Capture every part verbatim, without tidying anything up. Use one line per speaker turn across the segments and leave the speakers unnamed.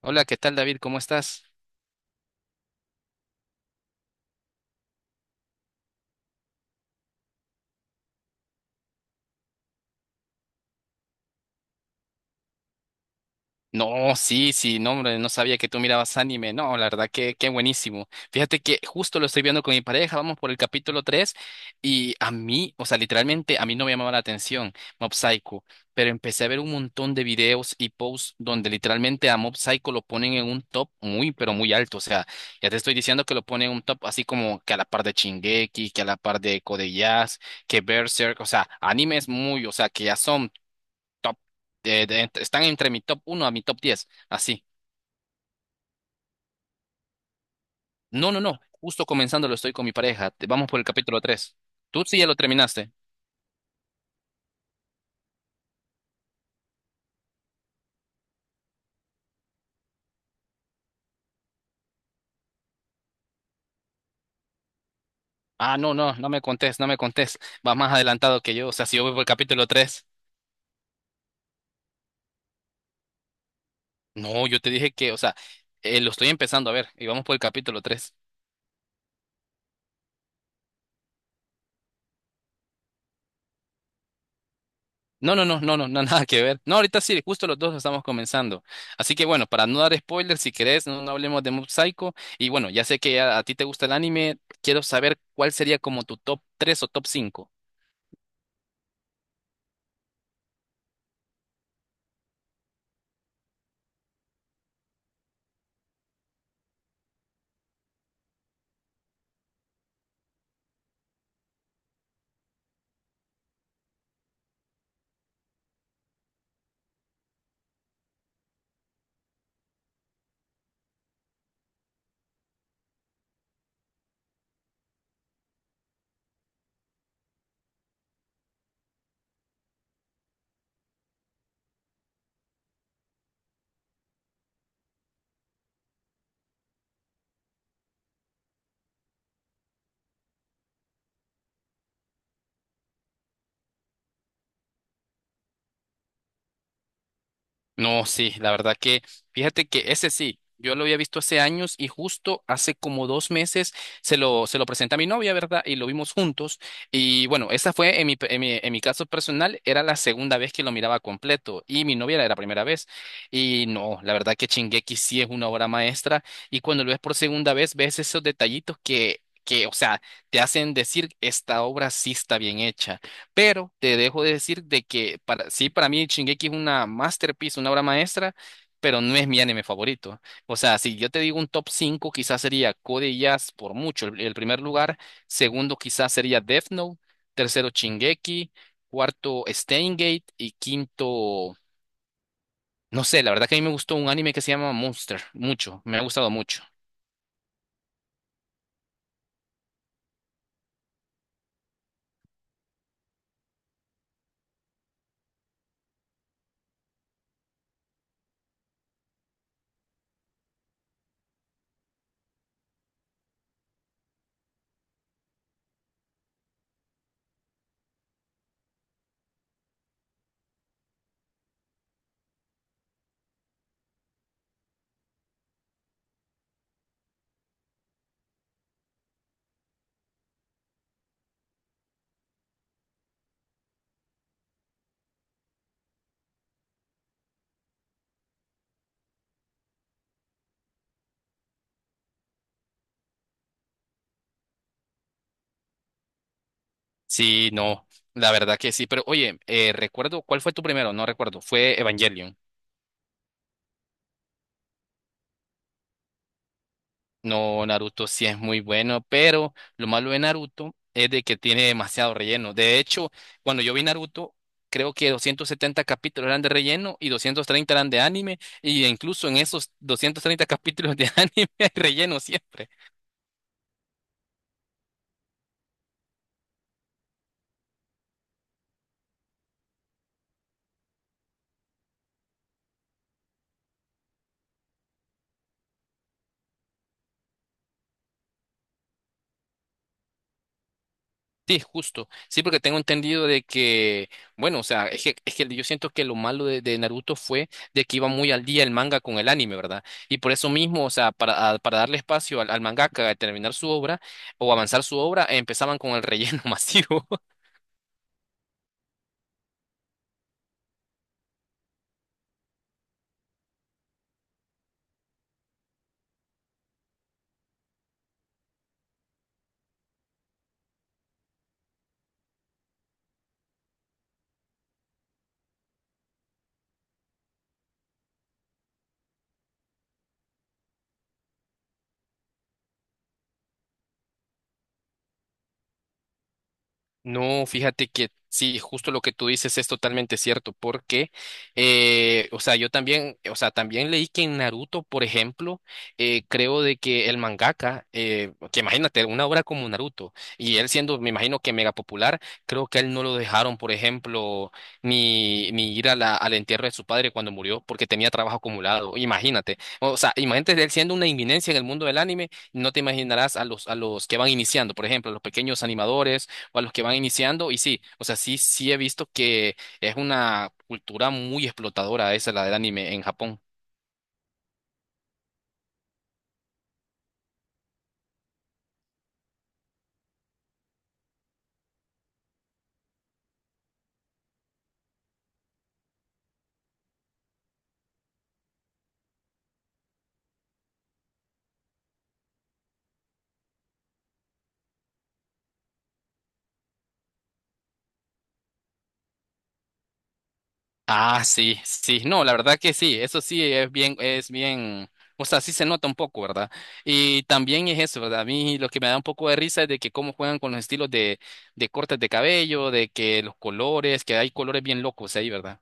Hola, ¿qué tal, David? ¿Cómo estás? No, sí, sí, no, hombre, no sabía que tú mirabas anime. No, la verdad que qué buenísimo. Fíjate que justo lo estoy viendo con mi pareja, vamos por el capítulo tres y a mí, o sea, literalmente a mí no me llamaba la atención Mob Psycho, pero empecé a ver un montón de videos y posts donde literalmente a Mob Psycho lo ponen en un top muy, pero muy alto. O sea, ya te estoy diciendo que lo ponen en un top así como que a la par de Shingeki, que a la par de Code Geass, que Berserk, o sea, animes muy, o sea, que ya son top, eh, de- están entre mi top uno a mi top diez así. No, no, no, justo comenzando lo estoy con mi pareja, te- vamos por el capítulo tres. ¿Tú sí ya lo terminaste? Ah, no, no, no me contés, no me contés, vas más adelantado que yo, o sea, si yo voy por el capítulo tres. No, yo te dije que, o sea, eh, lo estoy empezando a ver y vamos por el capítulo tres. No, no, no, no, no, no, nada que ver. No, ahorita sí, justo los dos estamos comenzando. Así que bueno, para no dar spoilers, si querés, no, no hablemos de Mob Psycho. Y bueno, ya sé que a, a ti te gusta el anime, quiero saber cuál sería como tu top tres o top cinco. No, sí, la verdad que, fíjate que ese sí, yo lo había visto hace años y justo hace como dos meses se lo, se lo presenté a mi novia, ¿verdad? Y lo vimos juntos. Y bueno, esa fue en mi, pe- en mi, en mi caso personal, era la segunda vez que lo miraba completo y mi novia era la primera vez. Y no, la verdad que Shingeki sí es una obra maestra y cuando lo ves por segunda vez, ves esos detallitos que, que, o sea, te hacen decir, esta obra sí está bien hecha. Pero te dejo de decir de que para, sí, para mí Shingeki es una masterpiece, una obra maestra, pero no es mi anime favorito. O sea, si yo te digo un top cinco quizás sería Code Geass por mucho, el, el primer lugar. Segundo, quizás sería Death Note. Tercero, Shingeki. Cuarto, Steins Gate. Y quinto, no sé, la verdad que a mí me gustó un anime que se llama Monster, mucho, me ha gustado mucho. Sí, no, la verdad que sí, pero oye, eh, recuerdo, ¿cuál fue tu primero? No recuerdo, fue Evangelion. No, Naruto sí es muy bueno, pero lo malo de Naruto es de que tiene demasiado relleno. De hecho, cuando yo vi Naruto, creo que doscientos setenta capítulos eran de relleno y doscientos treinta eran de anime, y incluso en esos doscientos treinta capítulos de anime hay relleno siempre. Sí, justo. Sí, porque tengo entendido de que, bueno, o sea, es que, es que yo siento que lo malo de, de, Naruto fue de que iba muy al día el manga con el anime, ¿verdad? Y por eso mismo, o sea, para, a- para darle espacio al, al mangaka a terminar su obra o avanzar su obra, empezaban con el relleno masivo. No, fíjate que sí, justo lo que tú dices es totalmente cierto, porque, eh, o sea, yo también, o sea, también leí que en Naruto, por ejemplo, eh, creo de que el mangaka, eh, que imagínate, una obra como Naruto, y él siendo, me imagino que mega popular, creo que a él no lo dejaron, por ejemplo, ni, ni ir a la, al entierro de su padre cuando murió, porque tenía trabajo acumulado, imagínate, o sea, imagínate él siendo una inminencia en el mundo del anime, no te imaginarás a los, a los, que van iniciando, por ejemplo, a los pequeños animadores o a los que van iniciando. Y sí, o sea, sí, sí he visto que es una cultura muy explotadora esa, la del anime en Japón. Ah, sí, sí, no, la verdad que sí, eso sí es bien, es bien, o sea, sí se nota un poco, ¿verdad? Y también es eso, ¿verdad? A mí lo que me da un poco de risa es de que cómo juegan con los estilos de, de cortes de cabello, de que los colores, que hay colores bien locos ahí, ¿verdad?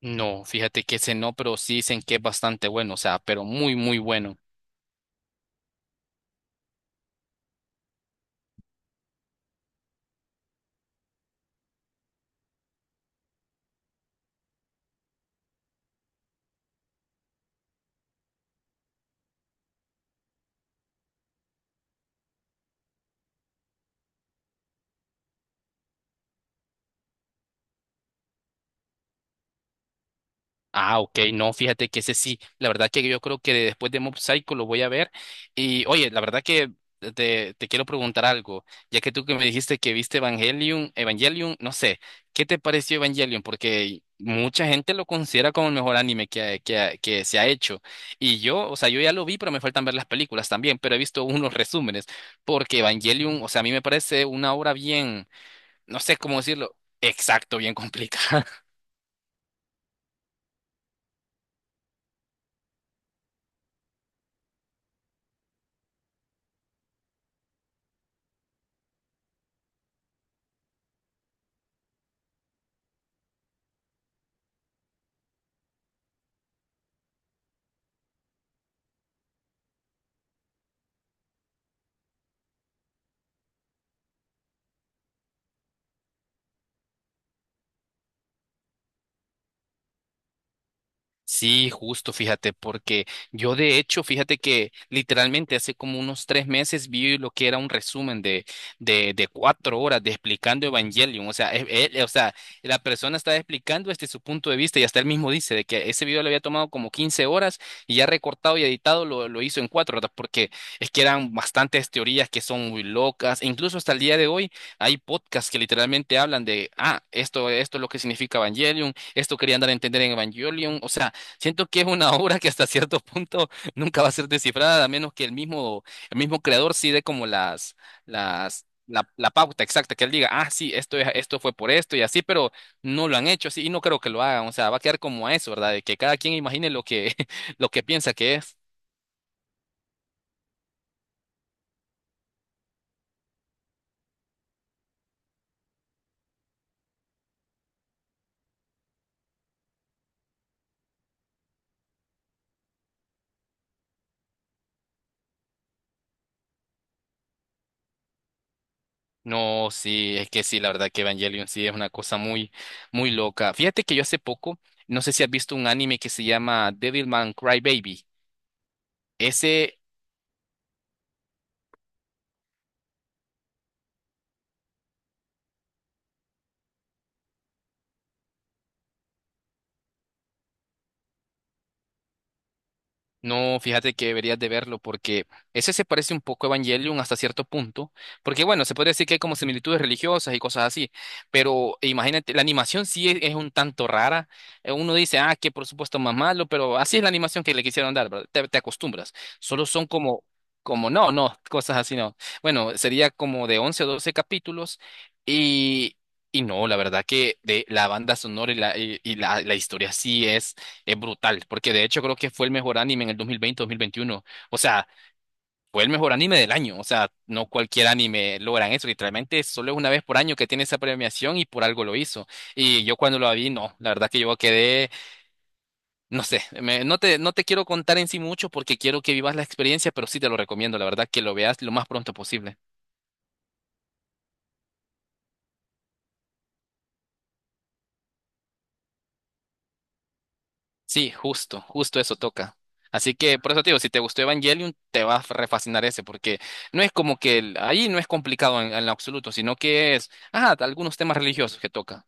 No, fíjate que ese no, pero sí dicen que es bastante bueno, o sea, pero muy, muy bueno. Ah, ok, no, fíjate que ese sí, la verdad que yo creo que después de Mob Psycho lo voy a ver. Y oye, la verdad que te, te quiero preguntar algo, ya que tú que me dijiste que viste Evangelion, Evangelion, no sé, ¿qué te pareció Evangelion? Porque mucha gente lo considera como el mejor anime que, ha- que, ha- que se ha hecho. Y yo, o sea, yo ya lo vi, pero me faltan ver las películas también, pero he visto unos resúmenes, porque Evangelion, o sea, a mí me parece una obra bien, no sé cómo decirlo, exacto, bien complicada. Sí, justo, fíjate, porque yo de hecho, fíjate que literalmente hace como unos tres meses vi lo que era un resumen de, de, de cuatro horas de explicando Evangelion. O sea, e- e- o sea, la persona estaba explicando desde su punto de vista y hasta él mismo dice de que ese video le había tomado como quince horas y ya recortado y editado lo, lo hizo en cuatro horas, porque es que eran bastantes teorías que son muy locas. E incluso hasta el día de hoy hay podcasts que literalmente hablan de, ah, esto, esto es lo que significa Evangelion, esto querían dar a entender en Evangelion. O sea, Siento que es una obra que hasta cierto punto nunca va a ser descifrada, a menos que el mismo, el mismo creador sí dé como las, las, la, la pauta exacta, que él diga, ah, sí, esto es, esto fue por esto y así, pero no lo han hecho así y no creo que lo hagan. O sea, va a quedar como a eso, ¿verdad? De que cada quien imagine lo que, lo que piensa que es. No, sí, es que sí, la verdad que Evangelion sí es una cosa muy, muy loca. Fíjate que yo hace poco, no sé si has visto un anime que se llama Devilman Crybaby. Ese. No, fíjate que deberías de verlo porque ese se parece un poco a Evangelion hasta cierto punto, porque bueno, se puede decir que hay como similitudes religiosas y cosas así, pero imagínate, la animación sí es, es un tanto rara. Eh, Uno dice, ah, que por supuesto más malo, pero así es la animación que le quisieron dar, ¿verdad? Te, te acostumbras. Solo son como, como, no, no, cosas así no. Bueno, sería como de once o doce capítulos y. Y no, la verdad que de la banda sonora y la, y, y la, la historia sí es es brutal, porque de hecho creo que fue el mejor anime en el dos mil veinte-dos mil veintiuno. O sea, fue el mejor anime del año. O sea, no cualquier anime logran eso. Literalmente solo es una vez por año que tiene esa premiación y por algo lo hizo. Y yo cuando lo vi, no, la verdad que yo quedé, no sé, me- no te, no te quiero contar en sí mucho porque quiero que vivas la experiencia, pero sí te lo recomiendo, la verdad que lo veas lo más pronto posible. Sí, justo, justo eso toca. Así que por eso te digo, si te gustó Evangelion, te va a refascinar ese, porque no es como que el- ahí no es complicado en, en, lo absoluto, sino que es, ajá, algunos temas religiosos que toca.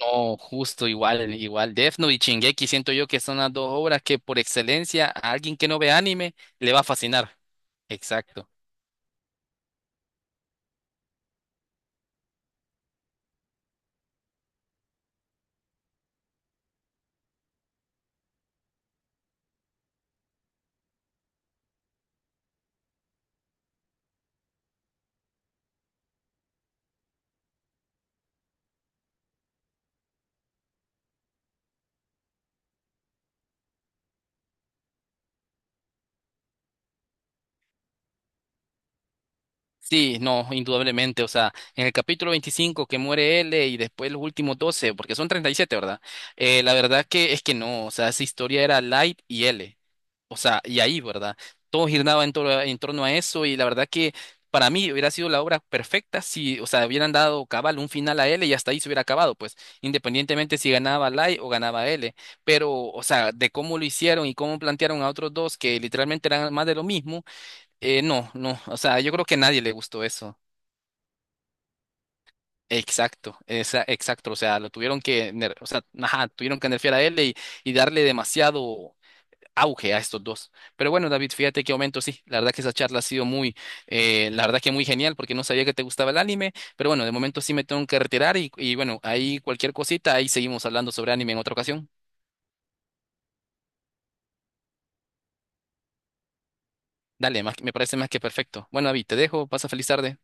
No, justo igual, igual. Death Note y Shingeki siento yo que son las dos obras que por excelencia a alguien que no ve anime le va a fascinar. Exacto. Sí, no, indudablemente. O sea, en el capítulo veinticinco que muere L y después los últimos doce, porque son treinta y siete, ¿verdad? Eh, la verdad que es que no, o sea, esa historia era Light y L. O sea, y ahí, ¿verdad? Todo giraba en, tor- en torno a eso y la verdad que para mí hubiera sido la obra perfecta si, o sea, hubieran dado cabal un final a L y hasta ahí se hubiera acabado, pues, independientemente si ganaba Light o ganaba L. Pero, o sea, de cómo lo hicieron y cómo plantearon a otros dos que literalmente eran más de lo mismo. Eh, no, no, o sea, yo creo que a nadie le gustó eso. Exacto, esa- exacto, o sea, lo tuvieron que, ner- o sea, ajá, tuvieron que nerfear a él y, y darle demasiado auge a estos dos. Pero bueno, David, fíjate qué momento, sí, la verdad que esa charla ha sido muy, eh, la verdad que muy genial porque no sabía que te gustaba el anime, pero bueno, de momento sí me tengo que retirar y, y bueno, ahí cualquier cosita, ahí seguimos hablando sobre anime en otra ocasión. Dale, más- me parece más que perfecto. Bueno, David, te dejo, pasa feliz tarde.